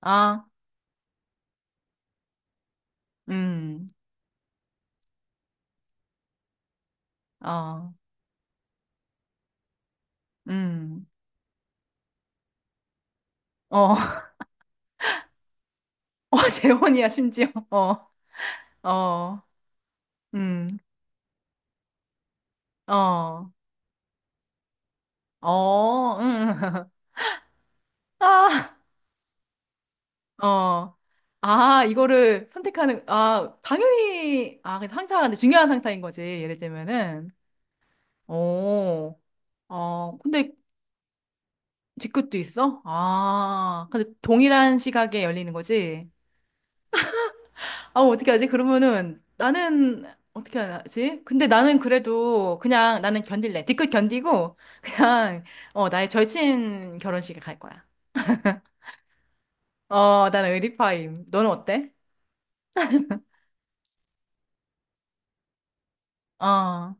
아, 음, 어, 음, 어, 재혼이야, 심지어. 어, 음, 어, 어, 음, 아, 어, 이거를 선택하는, 당연히, 그 상사가 근데 중요한 상사인 거지, 예를 들면은. 오, 근데 직급도 있어? 근데 동일한 시각에 열리는 거지? 아, 어떻게 하지? 그러면은 나는 어떻게 하지? 근데 나는 그래도 그냥 나는 견딜래. 뒤끝 견디고 그냥 나의 절친 결혼식에 갈 거야. 어, 나는 의리파임. 너는 어때? 어.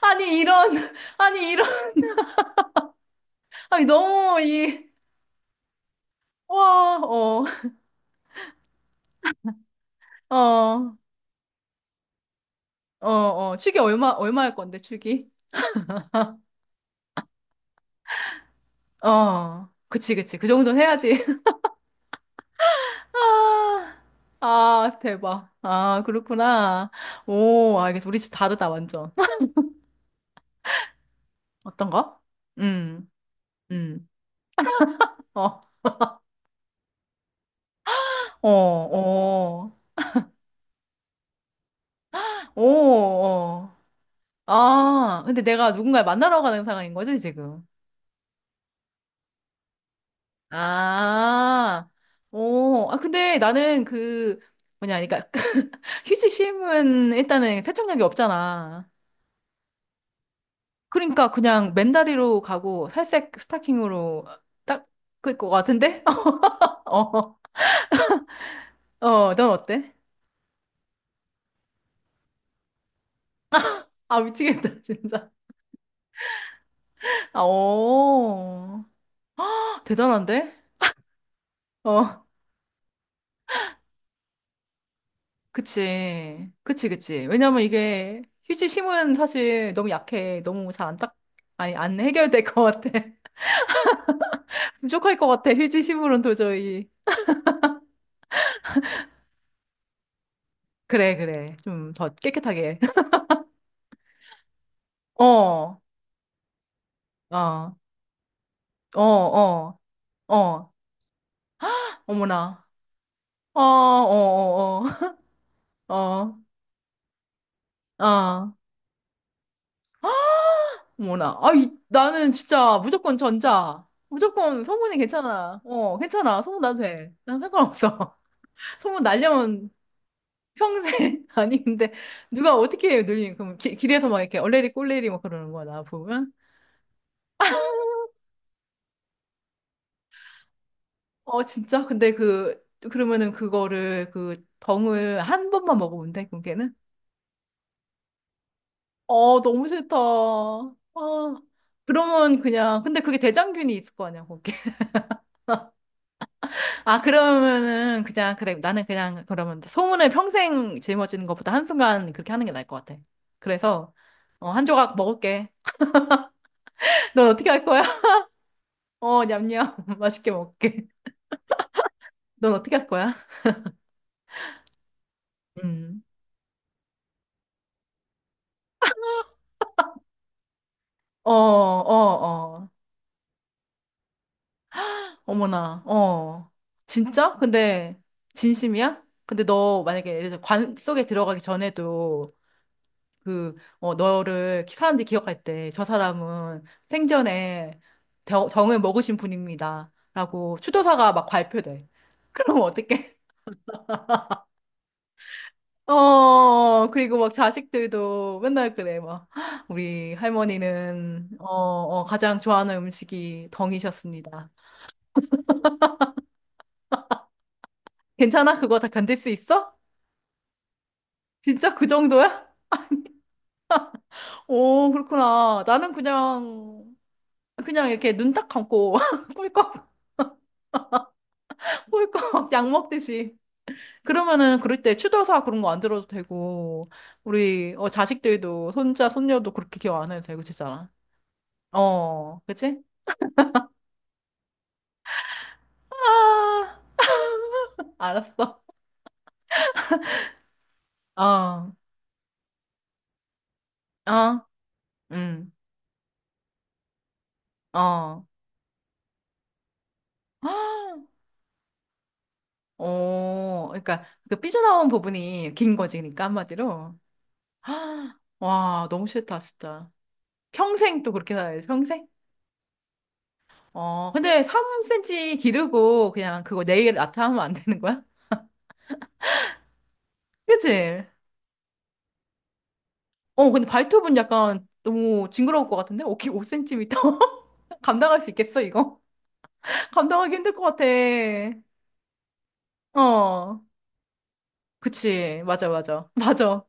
아니 이런 아니 이런 아니 너무 이 와, 어. 어. 어, 어. 축이 얼마 얼마일 건데 축이? 어. 그치 그치. 그 정도는 해야지. 아. 아, 대박. 아, 그렇구나. 오, 알겠어. 우리 진짜 다르다, 완전. 어떤 거? 음, 음. 어, 어, 어, 오, 어. 아, 근데 내가 누군가를 만나러 가는 상황인 거지, 지금? 아, 오. 아, 근데 나는 뭐냐, 그러니까, 휴지심은 일단은 세척력이 없잖아. 그러니까 그냥 맨다리로 가고 살색 스타킹으로 딱 그럴 것 같은데? 어, 어, 넌 어때? 아, 미치겠다, 진짜. 아, 오. 대단한데? 어. 그치. 그치, 그치. 왜냐면 이게 휴지 심은 사실 너무 약해. 너무 잘 안 딱, 아니, 안 해결될 것 같아. 부족할 것 같아. 휴지 심으론 도저히. 그래, 그래. 좀 더 깨끗하게. 어, 어, 어, 어, 어. 어머나. 어, 어, 어, 어, 어, 어. 어머나. 나는 진짜 무조건 전자. 무조건 소문이 괜찮아. 어, 괜찮아. 소문 나도 돼. 난 상관없어. 소문 날려면 평생 아니 근데 누가 어떻게 해요 늘린 그럼 길에서 막 이렇게 얼레리 꼴레리 막 그러는 거야 나 보면 어 진짜 근데 그 그러면은 그거를 그 덩을 한 번만 먹으면 돼 그게는 어 너무 싫다 아 그러면 그냥 근데 그게 대장균이 있을 거 아니야 거기 아 그러면은 그냥 그래 나는 그냥 그러면 소문을 평생 짊어지는 것보다 한순간 그렇게 하는 게 나을 것 같아 그래서 어, 한 조각 먹을게 넌 어떻게 할 거야 어 냠냠 맛있게 먹게 을 넌 어떻게 할 거야? 음. 어. 어머나, 어. 진짜? 근데, 진심이야? 근데 너 만약에 예를 들어 관 속에 들어가기 전에도 그, 어, 너를 사람들이 기억할 때 저 사람은 생전에 정, 정을 먹으신 분입니다. 라고 추도사가 막 발표돼. 그럼 어떡해? 어, 그리고 막 자식들도 맨날 그래, 막. 우리 할머니는, 가장 좋아하는 음식이 덩이셨습니다. 괜찮아? 그거 다 견딜 수 있어? 진짜 그 정도야? 오, 그렇구나. 나는 그냥, 그냥 이렇게 눈 딱 감고 꿀꺽, 꿀꺽 약 먹듯이. 그러면은 그럴 때 추도사 그런 거 안 들어도 되고, 우리 자식들도 손자, 손녀도 그렇게 기억 안 해도 되고, 진짜. 어, 그치? 아, 알았어. 어, 어, 응 어. 그러니까 그 삐져나온 부분이 긴 거지, 그러니까 한마디로. 헉, 와, 너무 싫다, 진짜. 평생 또 그렇게 살아야 돼, 평생? 어, 근데 3cm 기르고 그냥 그거 네일 아트 하면 안 되는 거야? 그치? 어, 근데 발톱은 약간 너무 징그러울 것 같은데? 5cm? 감당할 수 있겠어, 이거? 감당하기 힘들 것 같아. 어, 그치. 맞아, 맞아. 맞아.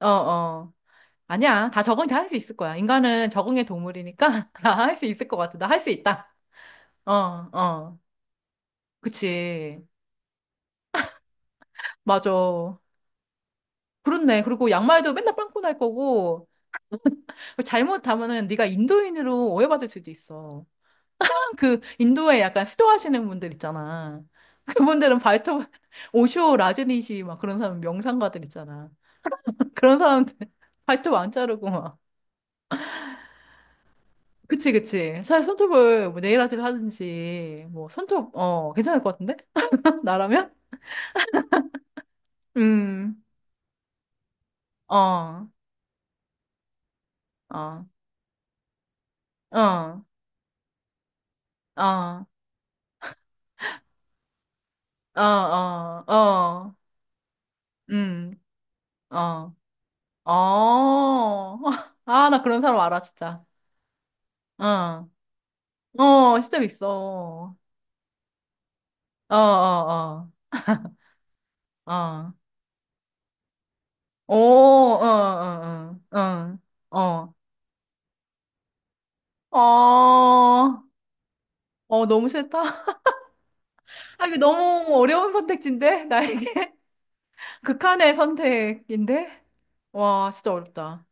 어, 어. 아니야. 다 적응 다 할 수 있을 거야. 인간은 적응의 동물이니까 다 할 수 있을 것 같아. 나 할 수 있다. 어, 어. 그치. 맞아. 그렇네. 그리고 양말도 맨날 빵꾸 날 거고 잘못하면은 네가 인도인으로 오해받을 수도 있어. 그 인도에 약간 수도하시는 분들 있잖아. 그분들은 발톱 오쇼 라즈니시 막 그런 사람 명상가들 있잖아. 그런 사람들 발톱 안 자르고 막. 그치 그치. 사실 손톱을 뭐 네일 아트를 하든지 뭐 손톱 어 괜찮을 것 같은데? 나라면? 음. 어. 어. 어. 어. 어. 어. 어. 음. 어. 어. 아, 나 그런 사람 알아, 진짜. 어. 어, 실제로 있어. 어, 어, 어. 어. 오, 어, 어, 어. 어. 어. 어, 어, 너무 싫다. 아, 이게 너무 어려운 선택지인데? 나에게? 극한의 선택인데? 와, 진짜 어렵다.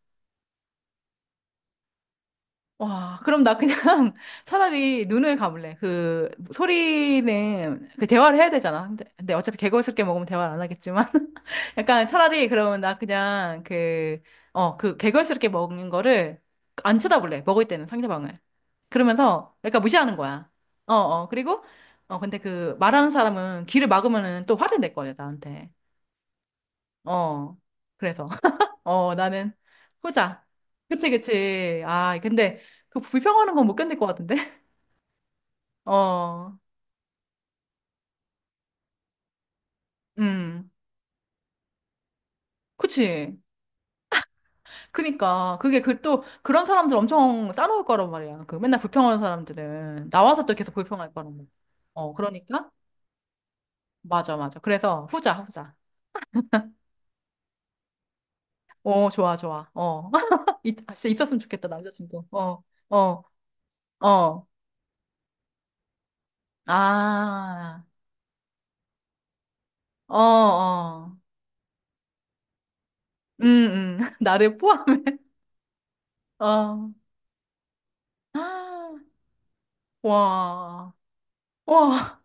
와, 그럼 나 그냥 차라리 눈을 감을래. 그 소리는 그 대화를 해야 되잖아. 근데, 근데 어차피 개걸스럽게 먹으면 대화를 안 하겠지만 약간 차라리 그러면 나 그냥 어, 그 개걸스럽게 먹는 거를 안 쳐다볼래. 먹을 때는 상대방을. 그러면서 약간 무시하는 거야. 어, 어. 그리고 어, 근데 그 말하는 사람은 귀를 막으면은 또 화를 낼 거야, 나한테. 어. 그래서. 어, 나는 후자. 그치, 그치. 아, 근데 그 불평하는 건 못 견딜 것 같은데? 어, 음. 그치. 그니까. 그게 그 또 그런 사람들 엄청 싸놓을 거란 말이야. 그 맨날 불평하는 사람들은. 나와서 또 계속 불평할 거란 말이야. 어, 그러니까? 맞아, 맞아. 그래서 후자, 후자. 어, 좋아, 좋아. 어. 아, 진짜 있었으면 좋겠다, 남자친구. 어, 어. 아, 어, 어. 나를 포함해. 어. 와, 와,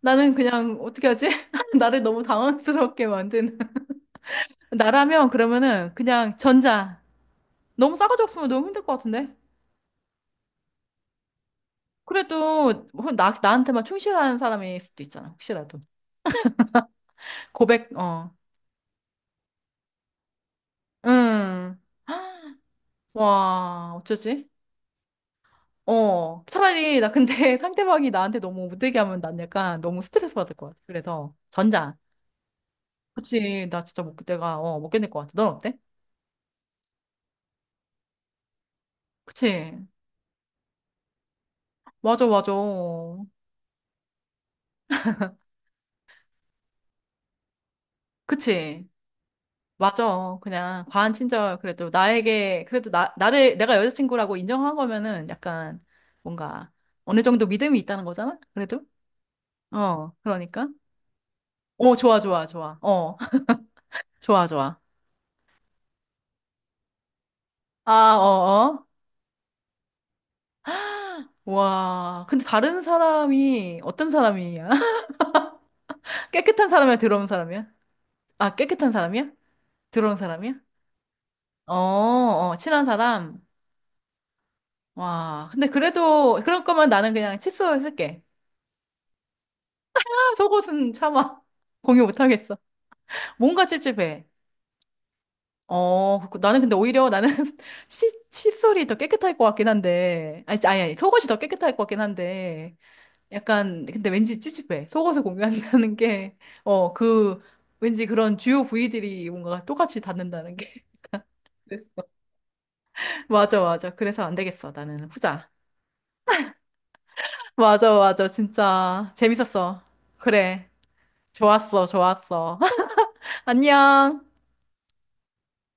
나는 그냥 어떻게 하지? 나를 너무 당황스럽게 만드는. 나라면 그러면은 그냥 전자. 너무 싸가지 없으면 너무 힘들 것 같은데? 그래도 혹 나, 나한테만 충실한 사람일 수도 있잖아, 혹시라도. 고백, 어. 응. 와, 어쩌지? 어. 차라리 나 근데 상대방이 나한테 너무 못되게 하면 난 약간 너무 스트레스 받을 것 같아. 그래서 전자. 그치, 나 진짜 못, 내가, 어, 못 견딜 것 같아. 넌 어때? 그치. 맞아, 맞아. 그치? 맞아. 그냥 과한 친절 그래도 나에게 그래도 나 나를 내가 여자친구라고 인정한 거면은 약간 뭔가 어느 정도 믿음이 있다는 거잖아. 그래도 어 그러니까 어 좋아 좋아 좋아 어 좋아 좋아 아 어어 와 근데 다른 사람이 어떤 사람이야? 깨끗한 사람이야? 더러운 사람이야? 아 깨끗한 사람이야? 더러운 사람이야? 어, 어 친한 사람 와 근데 그래도 그럴 거면 나는 그냥 칫솔 쓸게. 아, 속옷은 참아 공유 못 하겠어. 뭔가 찝찝해. 어, 그렇고 나는 근데 오히려 나는 칫솔이 더 깨끗할 것 같긴 한데, 아니, 속옷이 더 깨끗할 것 같긴 한데, 약간, 근데 왠지 찝찝해. 속옷을 공유한다는 게, 어, 그, 왠지 그런 주요 부위들이 뭔가 똑같이 닿는다는 게. 그랬어. 맞아, 맞아. 그래서 안 되겠어. 나는 후자. 맞아, 맞아. 진짜. 재밌었어. 그래. 좋았어, 좋았어. 안녕.